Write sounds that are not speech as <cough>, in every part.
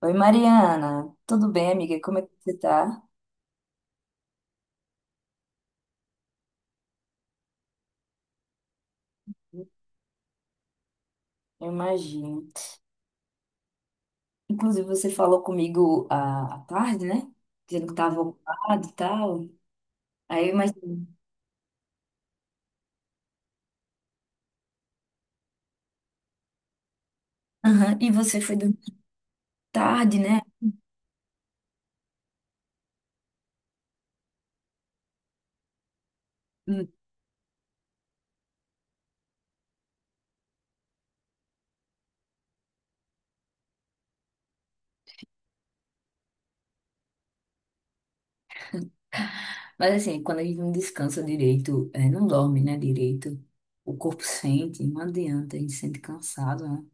Oi, Mariana. Tudo bem, amiga? Como é que você tá? Eu imagino. Inclusive, você falou comigo à tarde, né? Dizendo que estava ocupado e tal. Aí, mas. Aham, e você foi dormir tarde, né? Hum, Mas assim, quando a gente não descansa direito, é, não dorme, né, direito, o corpo sente, não adianta, a gente sente cansado, né?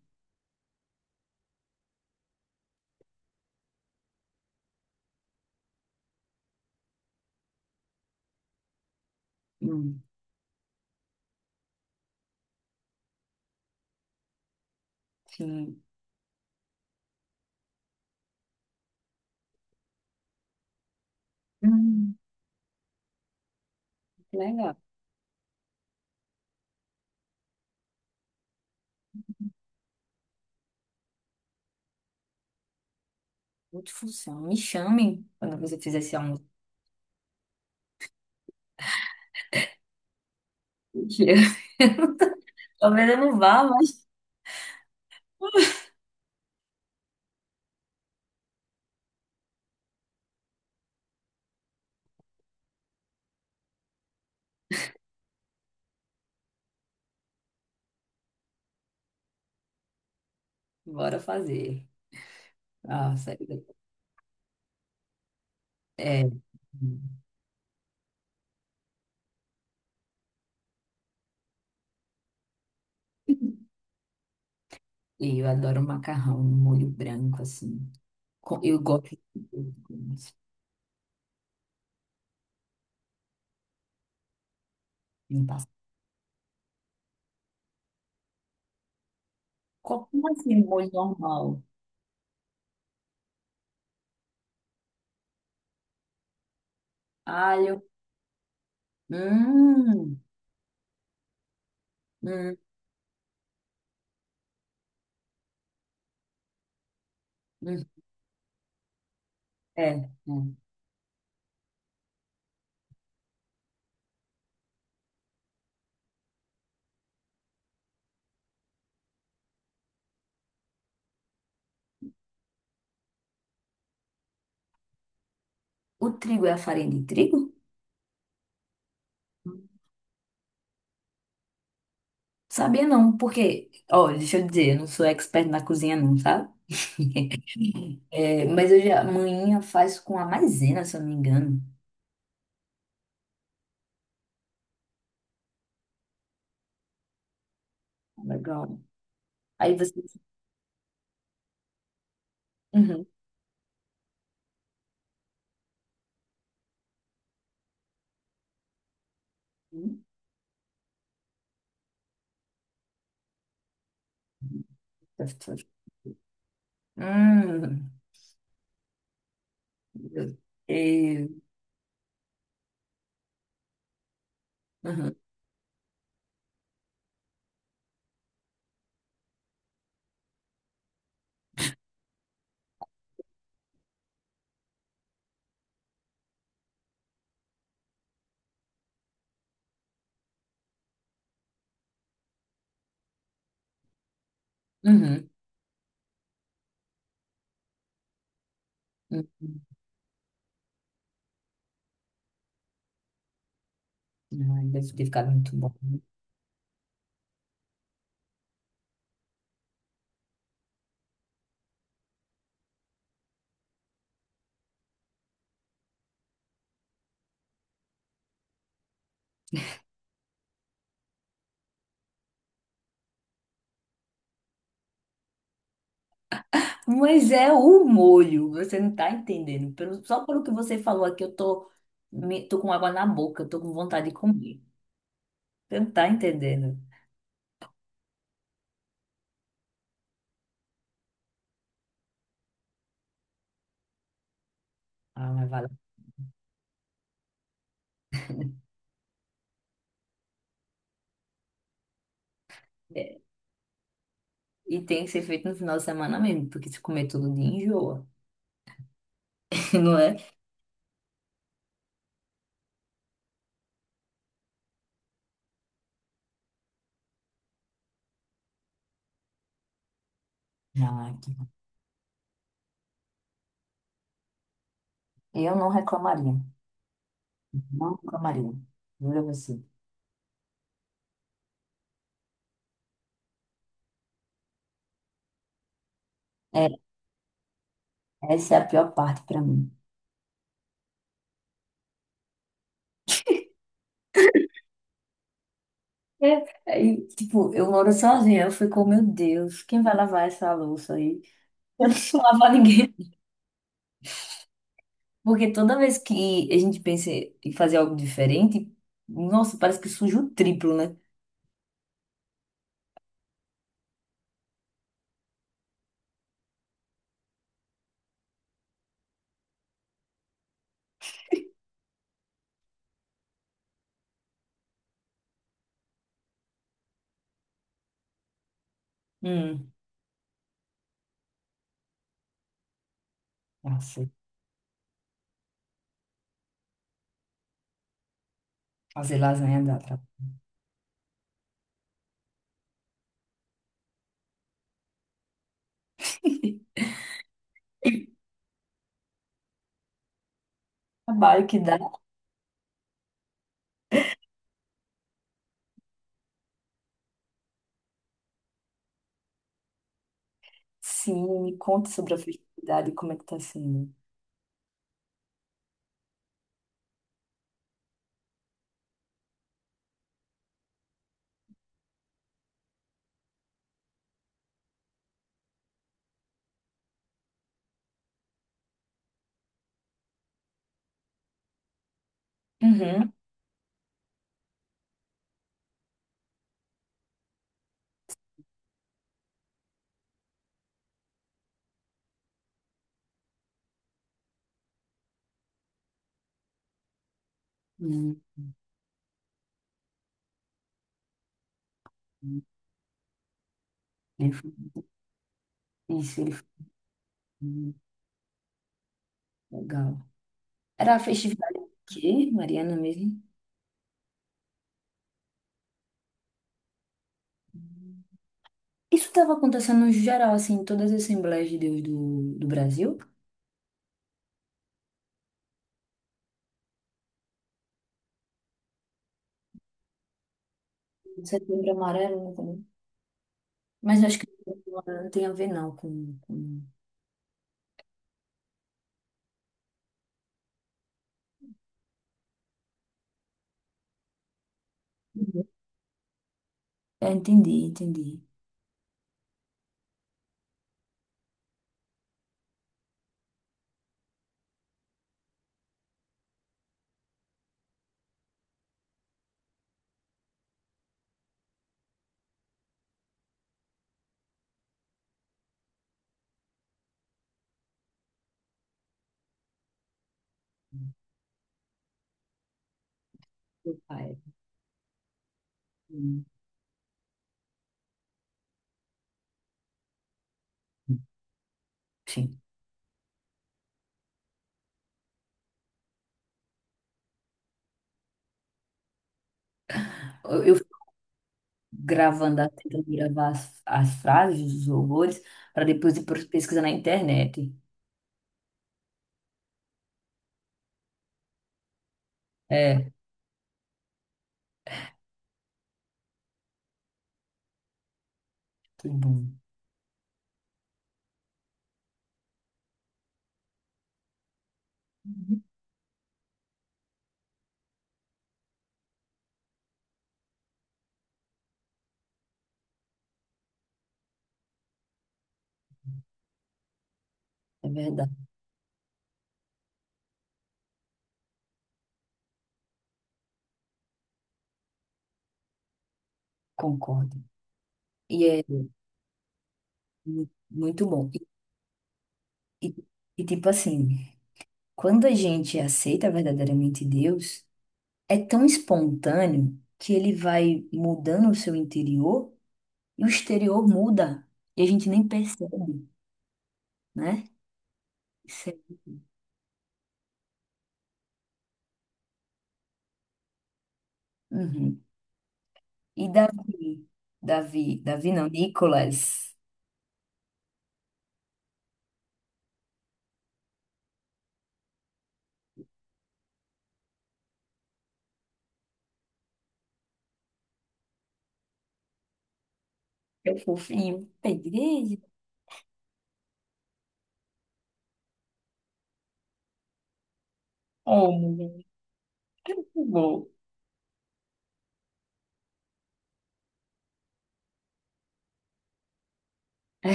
Hum, sim. Hum, legal. Multifunção. Me chame quando você fizer esse almoço. Mentira. <laughs> Talvez eu não vá, mas. Bora fazer. Nossa, é, e eu adoro macarrão, um molho branco, assim. Com- eu gosto de tudo com isso. Não passa- Como assim, molho normal? Alho. Hum, hum, hum. É, é. O trigo é a farinha de trigo? Hum. Sabia não, porque, ó, deixa eu dizer, eu não sou expert na cozinha não, sabe? <laughs> É, mas manhinha faz com a maisena, se eu não me engano. Legal. Aí você... Uhum. Hum, e Deus. Uhum, uhum, uhum. Ai, deve ter ficado muito bom. Mas é o molho, você não tá entendendo. Pelo- só pelo que você falou aqui, eu tô, me- tô com água na boca, eu tô com vontade de comer. Você não tá entendendo. Ah, mas vale. É, e tem que ser feito no final de semana mesmo, porque se comer todo dia, enjoa. <laughs> Não é? Não, que bom. Eu não reclamaria. Não reclamaria. Juro a você. É, essa é a pior parte pra mim. É, aí, tipo, eu moro sozinha. Eu fico, meu Deus, quem vai lavar essa louça aí? <laughs> Eu não vou lavar ninguém. Porque toda vez que a gente pensa em fazer algo diferente, nossa, parece que suja o triplo, né? Hum, nossa, fazer lasanha dá tra- <laughs> trabalho que dá. Sim, me conta sobre a festividade, como é que tá sendo. Uhum. Hum, hum. Ele foi- Isso, ele foi hum, legal. Era a festividade de quê, Mariana mesmo? Isso estava acontecendo no geral, assim, em todas as Assembleias de Deus do Brasil. Setembro Amarelo, né, também. Mas acho que não tem a ver, não, com- Uhum. É, entendi, entendi. Meu pai. Hum. Sim. Eu fico gravando, assim, tentando gravar as frases, os horrores, para depois ir pros- pesquisar na internet. É, que bom. Uhum. É verdade, concordo. E é mu- muito bom. E, e tipo assim, quando a gente aceita verdadeiramente Deus, é tão espontâneo que ele vai mudando o seu interior e o exterior muda. E a gente nem percebe, né? Isso é- Uhum. E Davi, Davi, Davi não, Nicolas, eu fofinho, da igreja. Oh, mulher, que bom.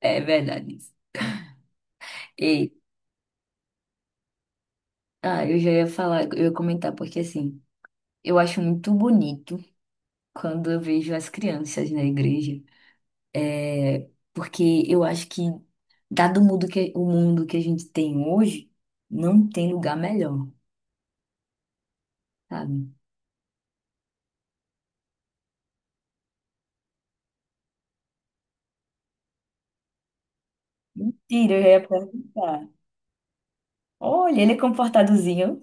É verdade isso. E, ah, eu já ia falar, eu ia comentar, porque assim, eu acho muito bonito quando eu vejo as crianças na igreja. É, porque eu acho que, dado o mundo que a gente tem hoje, não tem lugar melhor, sabe? Mentira, eu ia perguntar. Olha, ele é comportadozinho.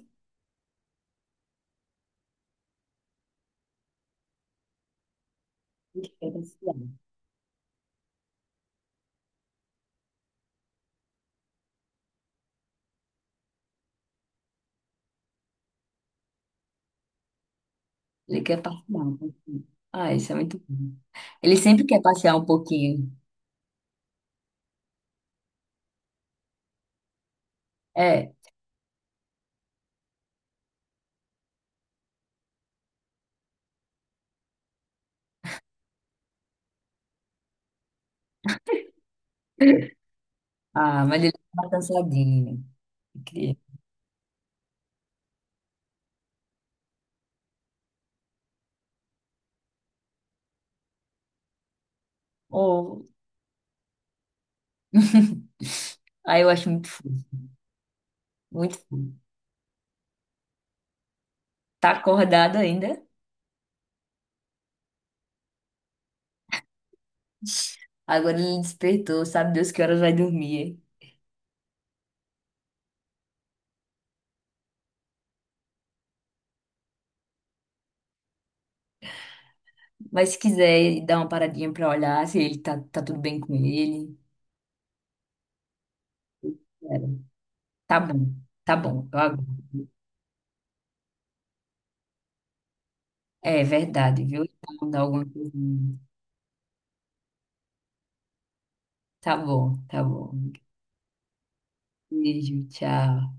Ele quer passear. Ele quer passear um pouquinho. Ah, isso é muito bom. Ele sempre quer passear um pouquinho. É. Ah, mas ele tá cansadinho. Eu queria- Oh. <laughs> Aí eu acho muito fofo, muito fofo. Tá acordado ainda? Agora ele despertou, sabe Deus que horas vai dormir. Mas se quiser dar uma paradinha pra olhar se ele tá, tá tudo bem com ele. É, tá bom, tá bom. Eu aguardo. É verdade, viu? Então, dá alguma coisa. Tá bom, tá bom. Beijo, tchau.